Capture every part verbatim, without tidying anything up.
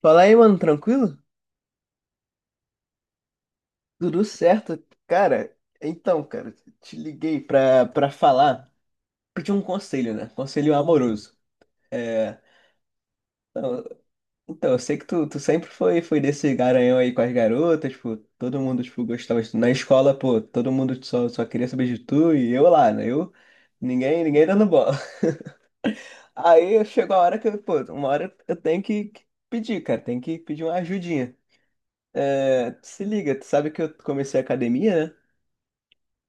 Fala aí, mano, tranquilo? Tudo certo? Cara, então, cara, te liguei pra, pra falar, pedir um conselho, né? Conselho amoroso. É, não, então, eu sei que tu, tu sempre foi, foi desse garanhão aí com as garotas, tipo, todo mundo, tipo, gostava de tu. Na escola, pô, todo mundo só, só queria saber de tu e eu lá, né? Eu, ninguém, ninguém dando bola. Aí chegou a hora que, eu, pô, uma hora eu tenho que que pedir, cara, tenho que pedir uma ajudinha. É, se liga, tu sabe que eu comecei a academia, né?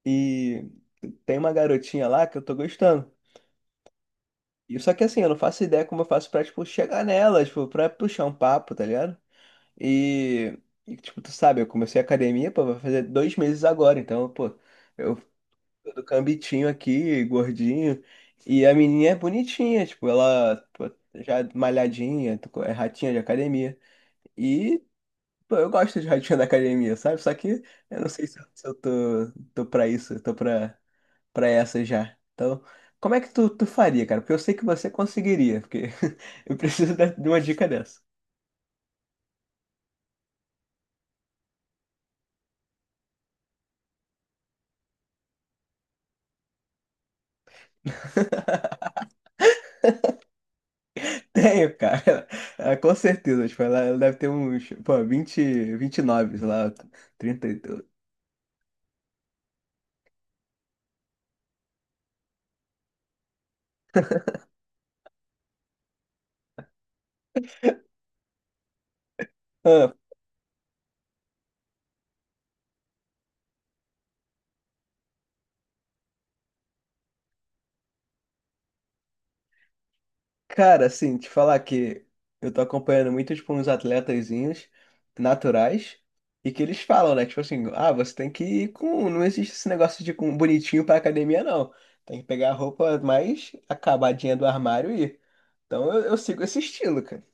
E tem uma garotinha lá que eu tô gostando. E só que assim, eu não faço ideia como eu faço pra, tipo, chegar nela, tipo, pra puxar um papo, tá ligado? E, e, tipo, tu sabe, eu comecei a academia, pô, vai fazer dois meses agora, então, pô, eu tô do cambitinho aqui, gordinho. E a menininha é bonitinha, tipo, ela, pô, já é malhadinha, tu- é ratinha de academia. E, pô, eu gosto de ratinha da academia, sabe? Só que eu não sei se, eu se eu tô, tô pra isso, eu tô pra. Para essa já. Então, como é que tu, tu faria, cara? Porque eu sei que você conseguiria, porque eu preciso da- de uma dica dessa. Tenho, cara. Ah, com certeza. Tipo, ela, ela deve ter uns, pô, vinte, nove sei lá, trinta e dois. Cara, assim, te falar que eu tô acompanhando muito, tipo, uns atletazinhos naturais e que eles falam, né? Tipo assim, ah, você tem que ir com. Não existe esse negócio de ir com bonitinho pra academia, não. Tem que pegar a roupa mais acabadinha do armário e ir. Então eu, eu sigo esse estilo, cara.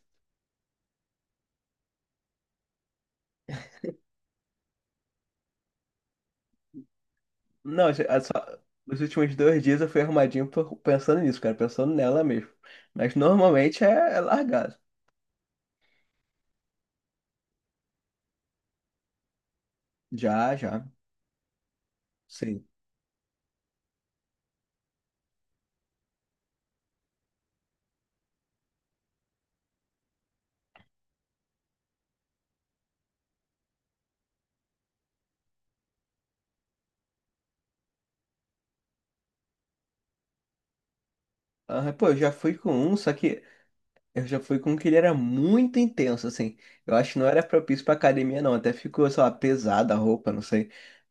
Não, é só- Nos últimos dois dias eu fui arrumadinho por- pensando nisso, cara, pensando nela mesmo. Mas normalmente é, é largado. Já, já. Sim. Ah, pô, eu já fui com um, só que eu já fui com um que ele era muito intenso, assim. Eu acho que não era propício pra academia, não. Até ficou, sei lá, pesada a roupa, não sei.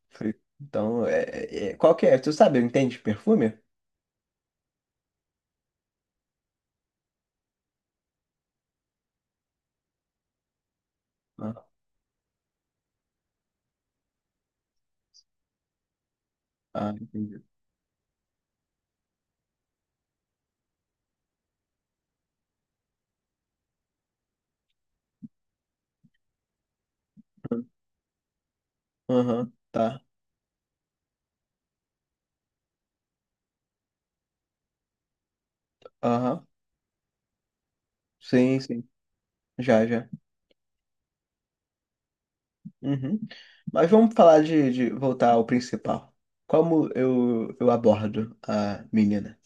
Foi- Então, é, é- é, qual que é? Tu sabe, entende de perfume? Ah, ah, entendi. Aham, tá. Aham. Sim, sim. Já, já. Uhum. Mas vamos falar de, de voltar ao principal. Como eu, eu abordo a menina?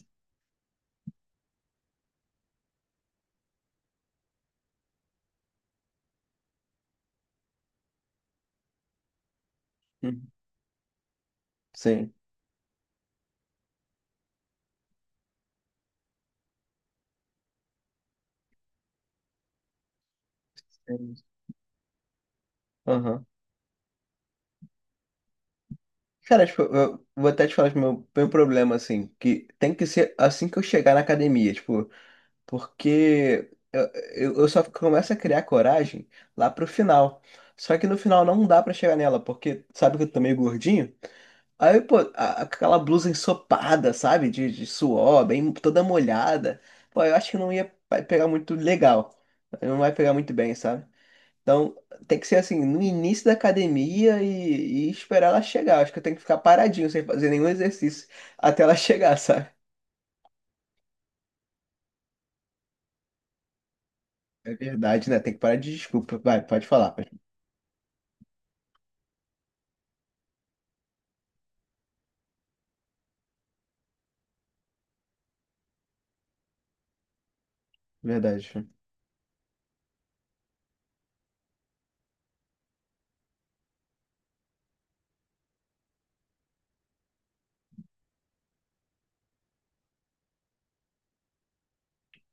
Uhum. Sim. Sim. Cara, tipo, eu vou até te falar do meu, meu problema, assim, que tem que ser assim que eu chegar na academia, tipo, porque eu, eu eu só começo a criar coragem lá pro final. Só que no final não dá pra chegar nela, porque sabe que eu tô meio gordinho? Aí, pô, a- aquela blusa ensopada, sabe? De, de suor, bem toda molhada. Pô, eu acho que não ia vai pegar muito legal. Não vai pegar muito bem, sabe? Então, tem que ser assim, no início da academia e, e esperar ela chegar. Acho que eu tenho que ficar paradinho, sem fazer nenhum exercício, até ela chegar, sabe? É verdade, né? Tem que parar de desculpa. Vai, pode falar. pode- Verdade.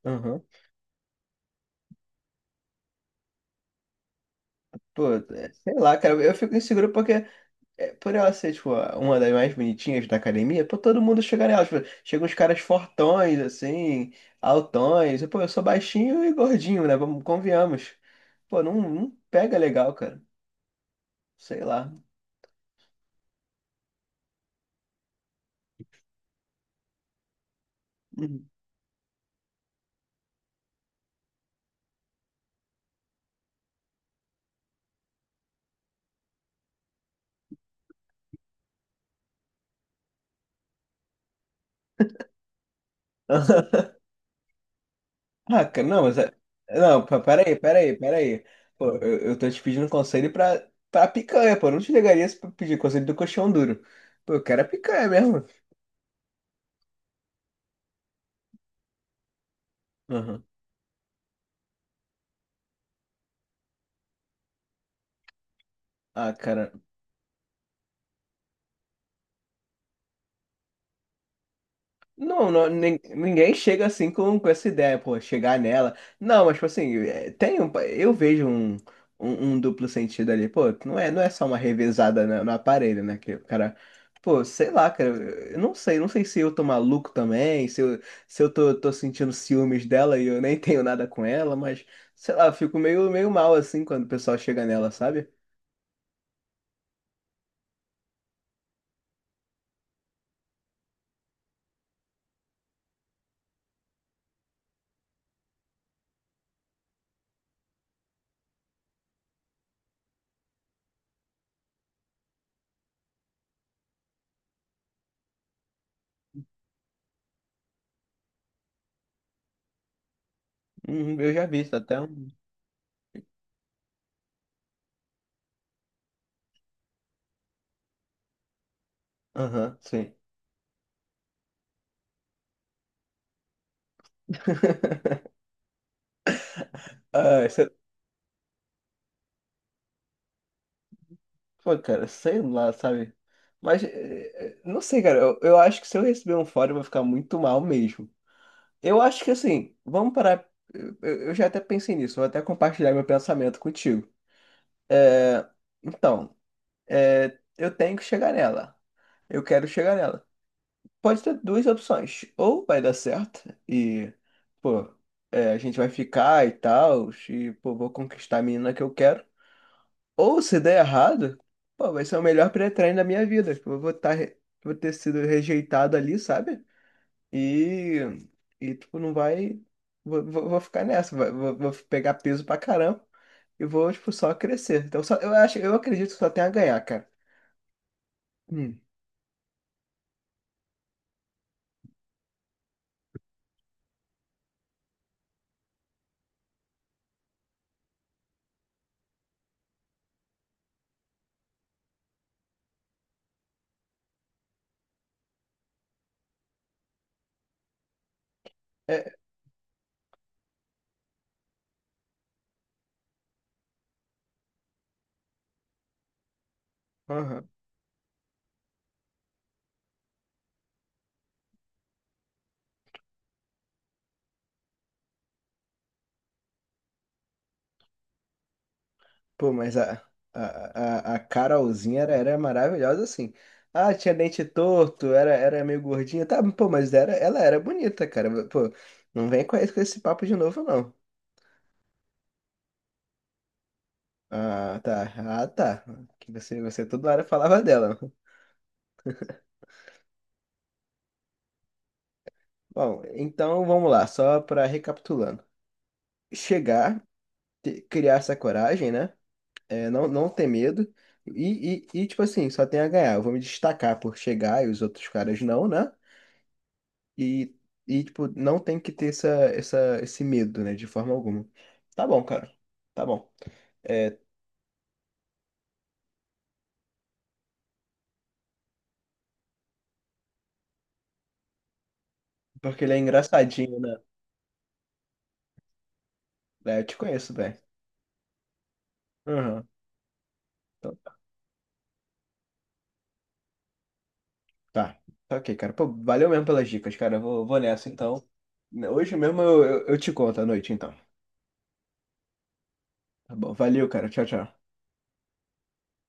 Aham. Pô, é, sei lá, cara, eu fico inseguro porque, é, por ela ser, tipo, a- uma das mais bonitinhas da academia, pô, todo mundo chega nela. Tipo, chegam uns caras fortões, assim, altões. E pô, eu sou baixinho e gordinho, né? Vamos, convenhamos. Pô, não, não pega legal, cara. Sei lá. Uhum. Ah, cara, não, mas. é- Não, pe- peraí, peraí, peraí. Pô, eu, eu tô te pedindo conselho pra, pra picanha, pô. Eu não te ligaria se pra pedir conselho do coxão duro. Pô, eu quero a picanha mesmo. Aham. Ah, cara. Não, não, nin- ninguém chega assim com, com essa ideia, pô, chegar nela. Não, mas tipo assim, é, tem um, eu vejo um, um, um duplo sentido ali, pô, não é, não é só uma revezada na- no aparelho, né? Que o cara, pô, sei lá, cara, eu não sei, não sei se eu tô maluco também, se eu, se eu tô, tô sentindo ciúmes dela e eu nem tenho nada com ela, mas sei lá, eu fico meio, meio mal assim quando o pessoal chega nela, sabe? Hum, Eu já vi isso até um. Aham, sim. Ah, pô, cara, sei lá, sabe? Mas, eh, eh, não sei, cara, eu, eu acho que se eu receber um fora, eu vou ficar muito mal mesmo. Eu acho que, assim, vamos parar. Eu, eu- eu já até pensei nisso, vou até compartilhar meu pensamento contigo. É, então, é, eu tenho que chegar nela. Eu quero chegar nela. Pode ter duas opções. Ou vai dar certo e, pô, é, a gente vai ficar e tal, e, pô, vou conquistar a menina que eu quero. Ou se der errado, pô, vai ser o melhor pré-treino da minha vida. Tipo, eu vou estar, vou ter sido rejeitado ali, sabe? E, e tipo, não vai. Vou, vou- vou ficar nessa, vai- vou, vou pegar peso pra caramba e vou, tipo, só crescer. Então, só, eu acho, eu acredito que só tem a ganhar, cara. Hum. É, aham. Pô, mas a, a, a, a Carolzinha era, era maravilhosa assim. Ah, tinha dente torto, era, era meio gordinha. Tá, pô, mas era, ela era bonita, cara. Pô, não vem com esse, com esse papo de novo, não. Ah, tá. Ah, tá. Que você, você toda hora falava dela. Bom, então vamos lá, só para recapitulando. Chegar, te- criar essa coragem, né? É, não, não ter medo. E, e, e, tipo assim, só tem a ganhar. Eu vou me destacar por chegar e os outros caras não, né? E, e tipo, não tem que ter essa, essa, esse medo, né? De forma alguma. Tá bom, cara. Tá bom. É, porque ele é engraçadinho, né? É, eu te conheço bem. Uhum. Tá, tá ok, cara. Pô, valeu mesmo pelas dicas, cara. Eu Vou, vou nessa então. Hoje mesmo eu, eu, eu te conto à noite, então. Tá bom, valeu, cara. Tchau, tchau.